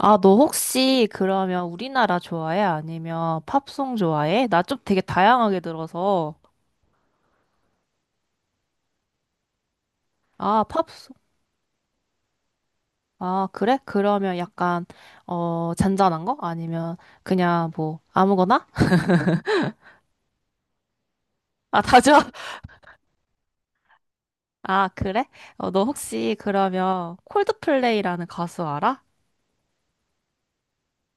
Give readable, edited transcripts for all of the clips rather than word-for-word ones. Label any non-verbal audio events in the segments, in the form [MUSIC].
아, 너 혹시 그러면 우리나라 좋아해? 아니면 팝송 좋아해? 나 좀 되게 다양하게 들어서. 아, 팝송. 아, 그래? 그러면 약간, 잔잔한 거? 아니면 그냥 뭐, 아무거나? 아, 다죠? [LAUGHS] 아, 그래? 너 혹시 그러면 콜드플레이라는 가수 알아?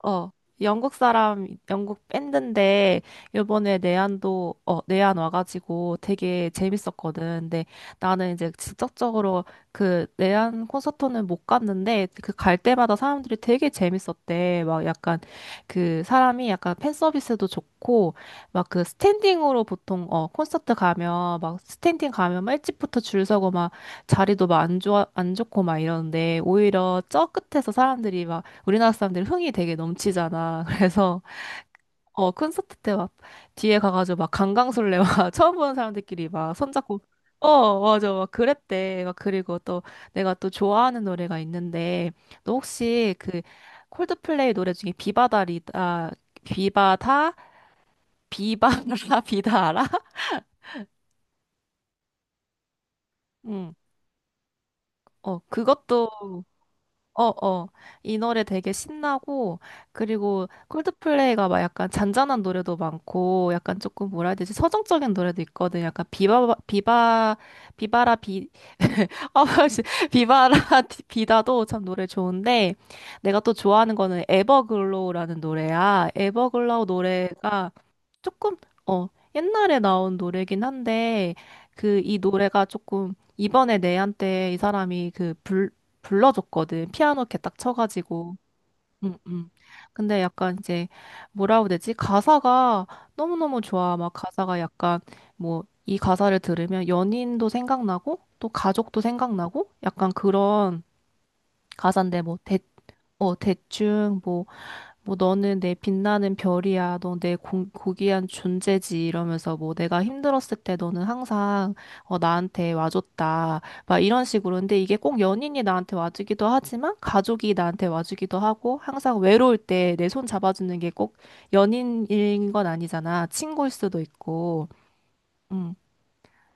어, 영국 사람, 영국 밴드인데, 요번에 내한 와가지고 되게 재밌었거든. 근데 나는 이제 직접적으로 그 내한 콘서트는 못 갔는데, 그 갈 때마다 사람들이 되게 재밌었대. 막 약간 그 사람이 약간 팬 서비스도 좋고, 막 그 스탠딩으로 보통, 콘서트 가면, 막 스탠딩 가면 막 일찍부터 줄 서고 막 자리도 막 안 좋고 막 이러는데, 오히려 저 끝에서 사람들이 막 우리나라 사람들이 흥이 되게 넘치잖아. [LAUGHS] 그래서 어 콘서트 때 막 뒤에 가가지고 막 강강술래 막 [LAUGHS] 처음 보는 사람들끼리 막 손잡고 어 맞아 막 그랬대. 막 그리고 또 내가 또 좋아하는 노래가 있는데 너 혹시 그 콜드플레이 노래 중에 비바다리다 비바다 비바라 [LAUGHS] 비다 알아? 응. 어 그것도 어, 어. 이 노래 되게 신나고, 그리고 콜드플레이가 막 약간 잔잔한 노래도 많고, 약간 조금 뭐라 해야 되지? 서정적인 노래도 있거든. 약간 비바라 비, [LAUGHS] 아, 씨. 비바라 [LAUGHS] 비다도 참 노래 좋은데, 내가 또 좋아하는 거는 에버글로우라는 노래야. 에버글로우 노래가 조금, 어, 옛날에 나온 노래긴 한데, 그, 이 노래가 조금, 이번에 내한테 이 사람이 불러줬거든. 피아노 이렇게 딱 쳐가지고. 응, 응. 근데 약간 이제, 뭐라고 해야 되지? 가사가 너무너무 좋아. 막 가사가 약간, 뭐, 이 가사를 들으면 연인도 생각나고, 또 가족도 생각나고, 약간 그런 가사인데, 대충, 뭐, 뭐 너는 내 빛나는 별이야. 너 내 고귀한 존재지. 이러면서 뭐 내가 힘들었을 때 너는 항상 나한테 와줬다. 막 이런 식으로. 근데 이게 꼭 연인이 나한테 와주기도 하지만 가족이 나한테 와주기도 하고 항상 외로울 때 내 손 잡아주는 게 꼭 연인인 건 아니잖아. 친구일 수도 있고. 음.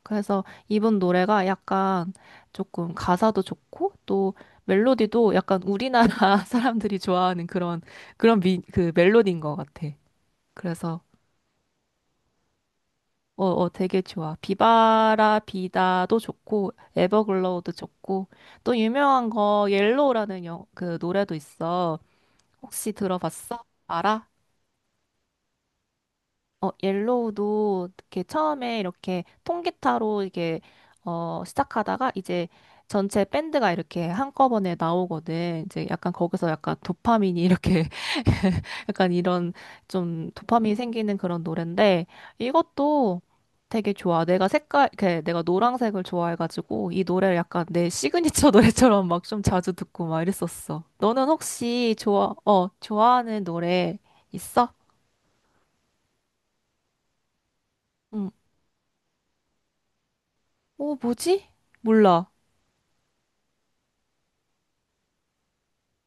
그래서 이번 노래가 약간 조금 가사도 좋고 또 멜로디도 약간 우리나라 [LAUGHS] 사람들이 좋아하는 그런 그 멜로디인 것 같아. 그래서 어, 어 되게 좋아. 비바라 비다도 좋고 에버글로우도 좋고 또 유명한 거 그 노래도 있어. 혹시 들어봤어? 알아? 옐로우도 이렇게 처음에 이렇게 통기타로 이게 시작하다가 이제 전체 밴드가 이렇게 한꺼번에 나오거든. 이제 약간 거기서 약간 도파민이 이렇게 [LAUGHS] 약간 이런 좀 도파민이 생기는 그런 노래인데 이것도 되게 좋아. 내가 이렇게 내가 노란색을 좋아해가지고 이 노래를 약간 내 시그니처 [LAUGHS] 노래처럼 막 좀 자주 듣고 막 이랬었어. 너는 혹시 좋아하는 노래 있어? 응. 어, 뭐지? 몰라.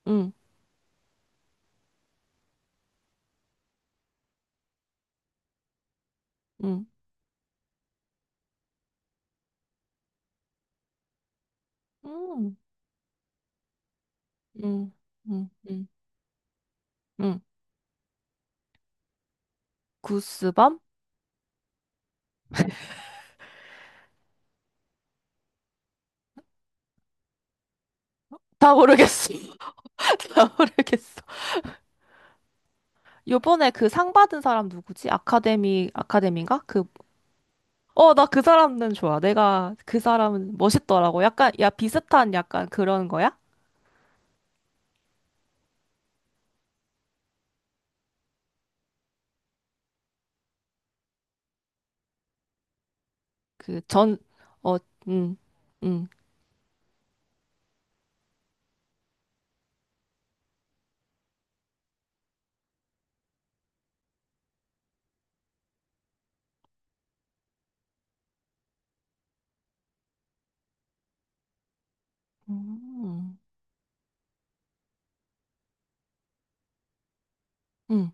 응, 응, 응, 응, 응, 응, 응. 구스밤? 다 모르겠어. [LAUGHS] 다 모르겠어. 요번에 그 상 받은 사람 누구지? 아카데미인가? 그, 어, 나 그 사람은 좋아. 내가 그 사람은 멋있더라고. 약간, 야, 비슷한 약간 그런 거야? 그 전, 어, 응, 응, 응, 응,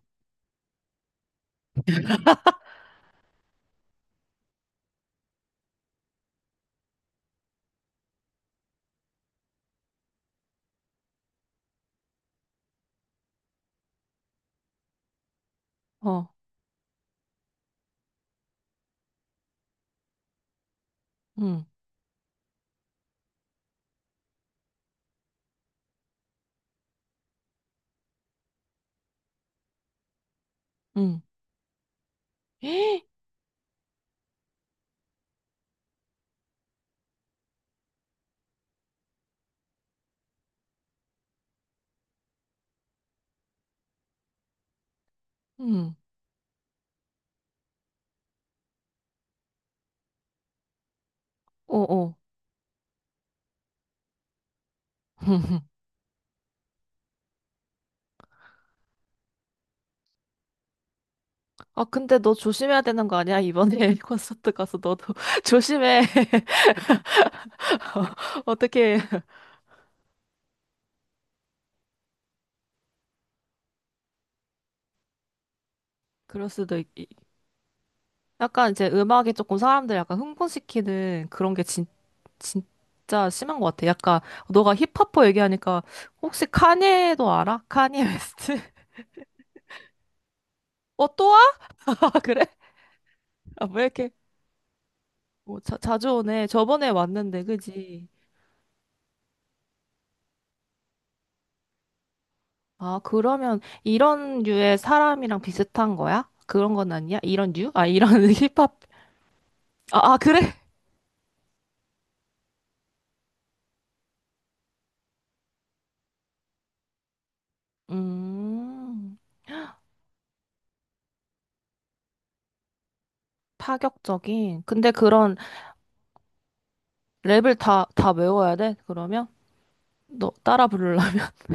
어, 응, 응, [GASPS] 응, 어, 어. [LAUGHS] 아, 근데 너 조심해야 되는 거 아니야? 이번에 [LAUGHS] 콘서트 가서 너도 [LAUGHS] 조심해. [LAUGHS] 어, 어떻게 그럴 수도 있. 약간 이제 음악이 조금 사람들 약간 흥분시키는 그런 진짜 심한 것 같아. 약간 너가 힙합퍼 얘기하니까 혹시 카니에도 알아? 카니 웨스트? [LAUGHS] 어, 또 와? [LAUGHS] 아, 그래? 아, 왜 이렇게 뭐 자주 오네. 저번에 왔는데, 그지? 아, 그러면 이런 류의 사람이랑 비슷한 거야? 그런 건 아니야? 이런 류? 아, 이런 [LAUGHS] 힙합. 아, 아, 그래? 음, 파격적인. 근데 그런 랩을 다 외워야 돼? 그러면? 너 따라 부르려면? [LAUGHS]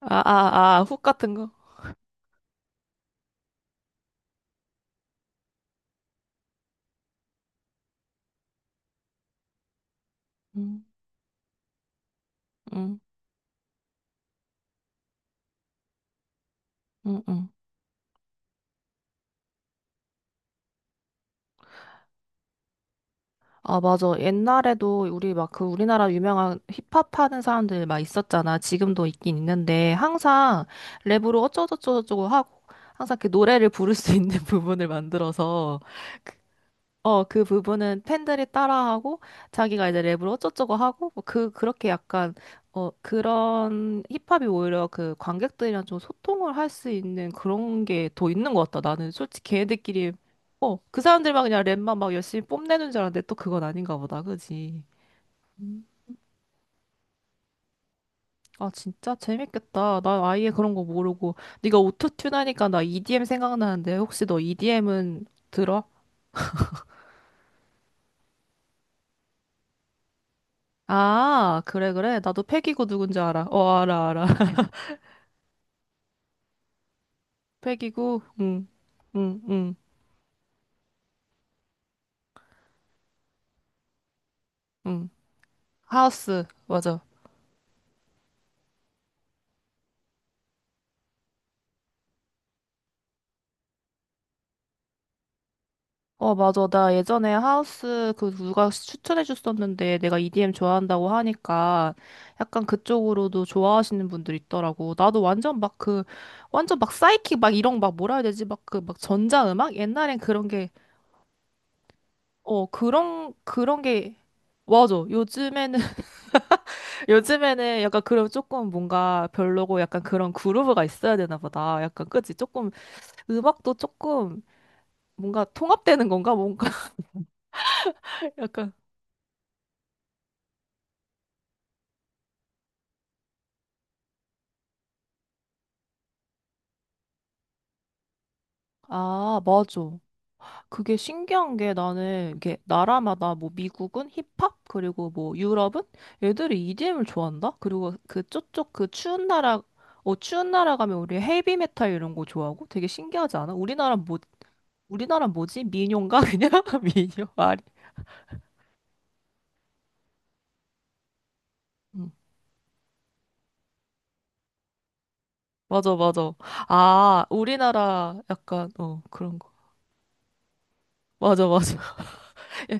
아, 아, 아, 훅 같은 거? 음, 음, 음, 음. 아, 맞아. 옛날에도 우리 막 그 우리나라 유명한 힙합 하는 사람들 막 있었잖아. 지금도 있긴 있는데 항상 랩으로 어쩌고저쩌고 하고 항상 그 노래를 부를 수 있는 [LAUGHS] 부분을 만들어서 그 부분은 팬들이 따라하고 자기가 이제 랩으로 어쩌고저쩌고 하고 뭐 그 그렇게 약간 어 그런 힙합이 오히려 그 관객들이랑 좀 소통을 할 수 있는 그런 게 더 있는 것 같다. 나는 솔직히 걔네들끼리 그 사람들만 그냥 랩만 막 열심히 뽐내는 줄 알았는데 또 그건 아닌가 보다. 그지? 음, 아 진짜 재밌겠다. 난 아예 그런 거 모르고 네가 오토튠 하니까 나 EDM 생각나는데 혹시 너 EDM은 들어? 아, 그래, 그래. 나도 패기고 누군지 알아. 어, 알아, 알아. 100이고 응 응응응 하우스 맞아 어 맞아 나 예전에 하우스 그 누가 추천해줬었는데 내가 EDM 좋아한다고 하니까 약간 그쪽으로도 좋아하시는 분들이 있더라고 나도 완전 막 그 완전 막 사이킥 막 이런 막 뭐라 해야 되지 막 그 막 전자음악? 옛날엔 그런 게 어 그런 그런 게 맞아 요즘에는 [LAUGHS] 요즘에는 약간 그럼 조금 뭔가 별로고 약간 그런 그루브가 있어야 되나 보다 약간 그치 조금 음악도 조금 뭔가 통합되는 건가? 뭔가 [LAUGHS] 약간 아, 맞아. 그게 신기한 게 나는 이게 나라마다 뭐 미국은 힙합 그리고 뭐 유럽은 애들이 EDM을 좋아한다. 그리고 그 쪽쪽 그 추운 나라 어 추운 나라 가면 우리 헤비메탈 이런 거 좋아하고 되게 신기하지 않아? 우리나라 뭐지? 민요인가 [LAUGHS] 그냥 민요 아리. 음. 맞아 맞아. 아, 우리나라 약간 어 그런 거. 맞아 맞아. [LAUGHS] 예.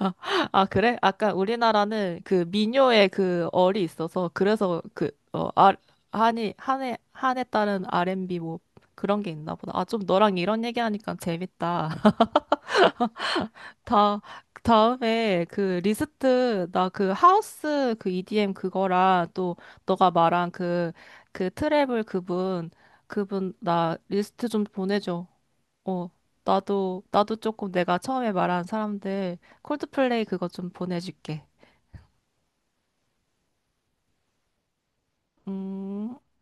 아, 아, 그래? 아까 우리나라는 그 민요의 그 얼이 있어서 그래서 그, 어, 아, 한에 따른 R&B 뭐 그런 게 있나 보다. 아, 좀 너랑 이런 얘기하니까 재밌다. [LAUGHS] 다, 다음에 그 리스트, 나 그 하우스 그 EDM 그거랑 또 너가 말한 그, 그 트래블 그분, 그분 나 리스트 좀 보내줘. 어, 나도 조금 내가 처음에 말한 사람들 콜드플레이 그거 좀 보내줄게. 음,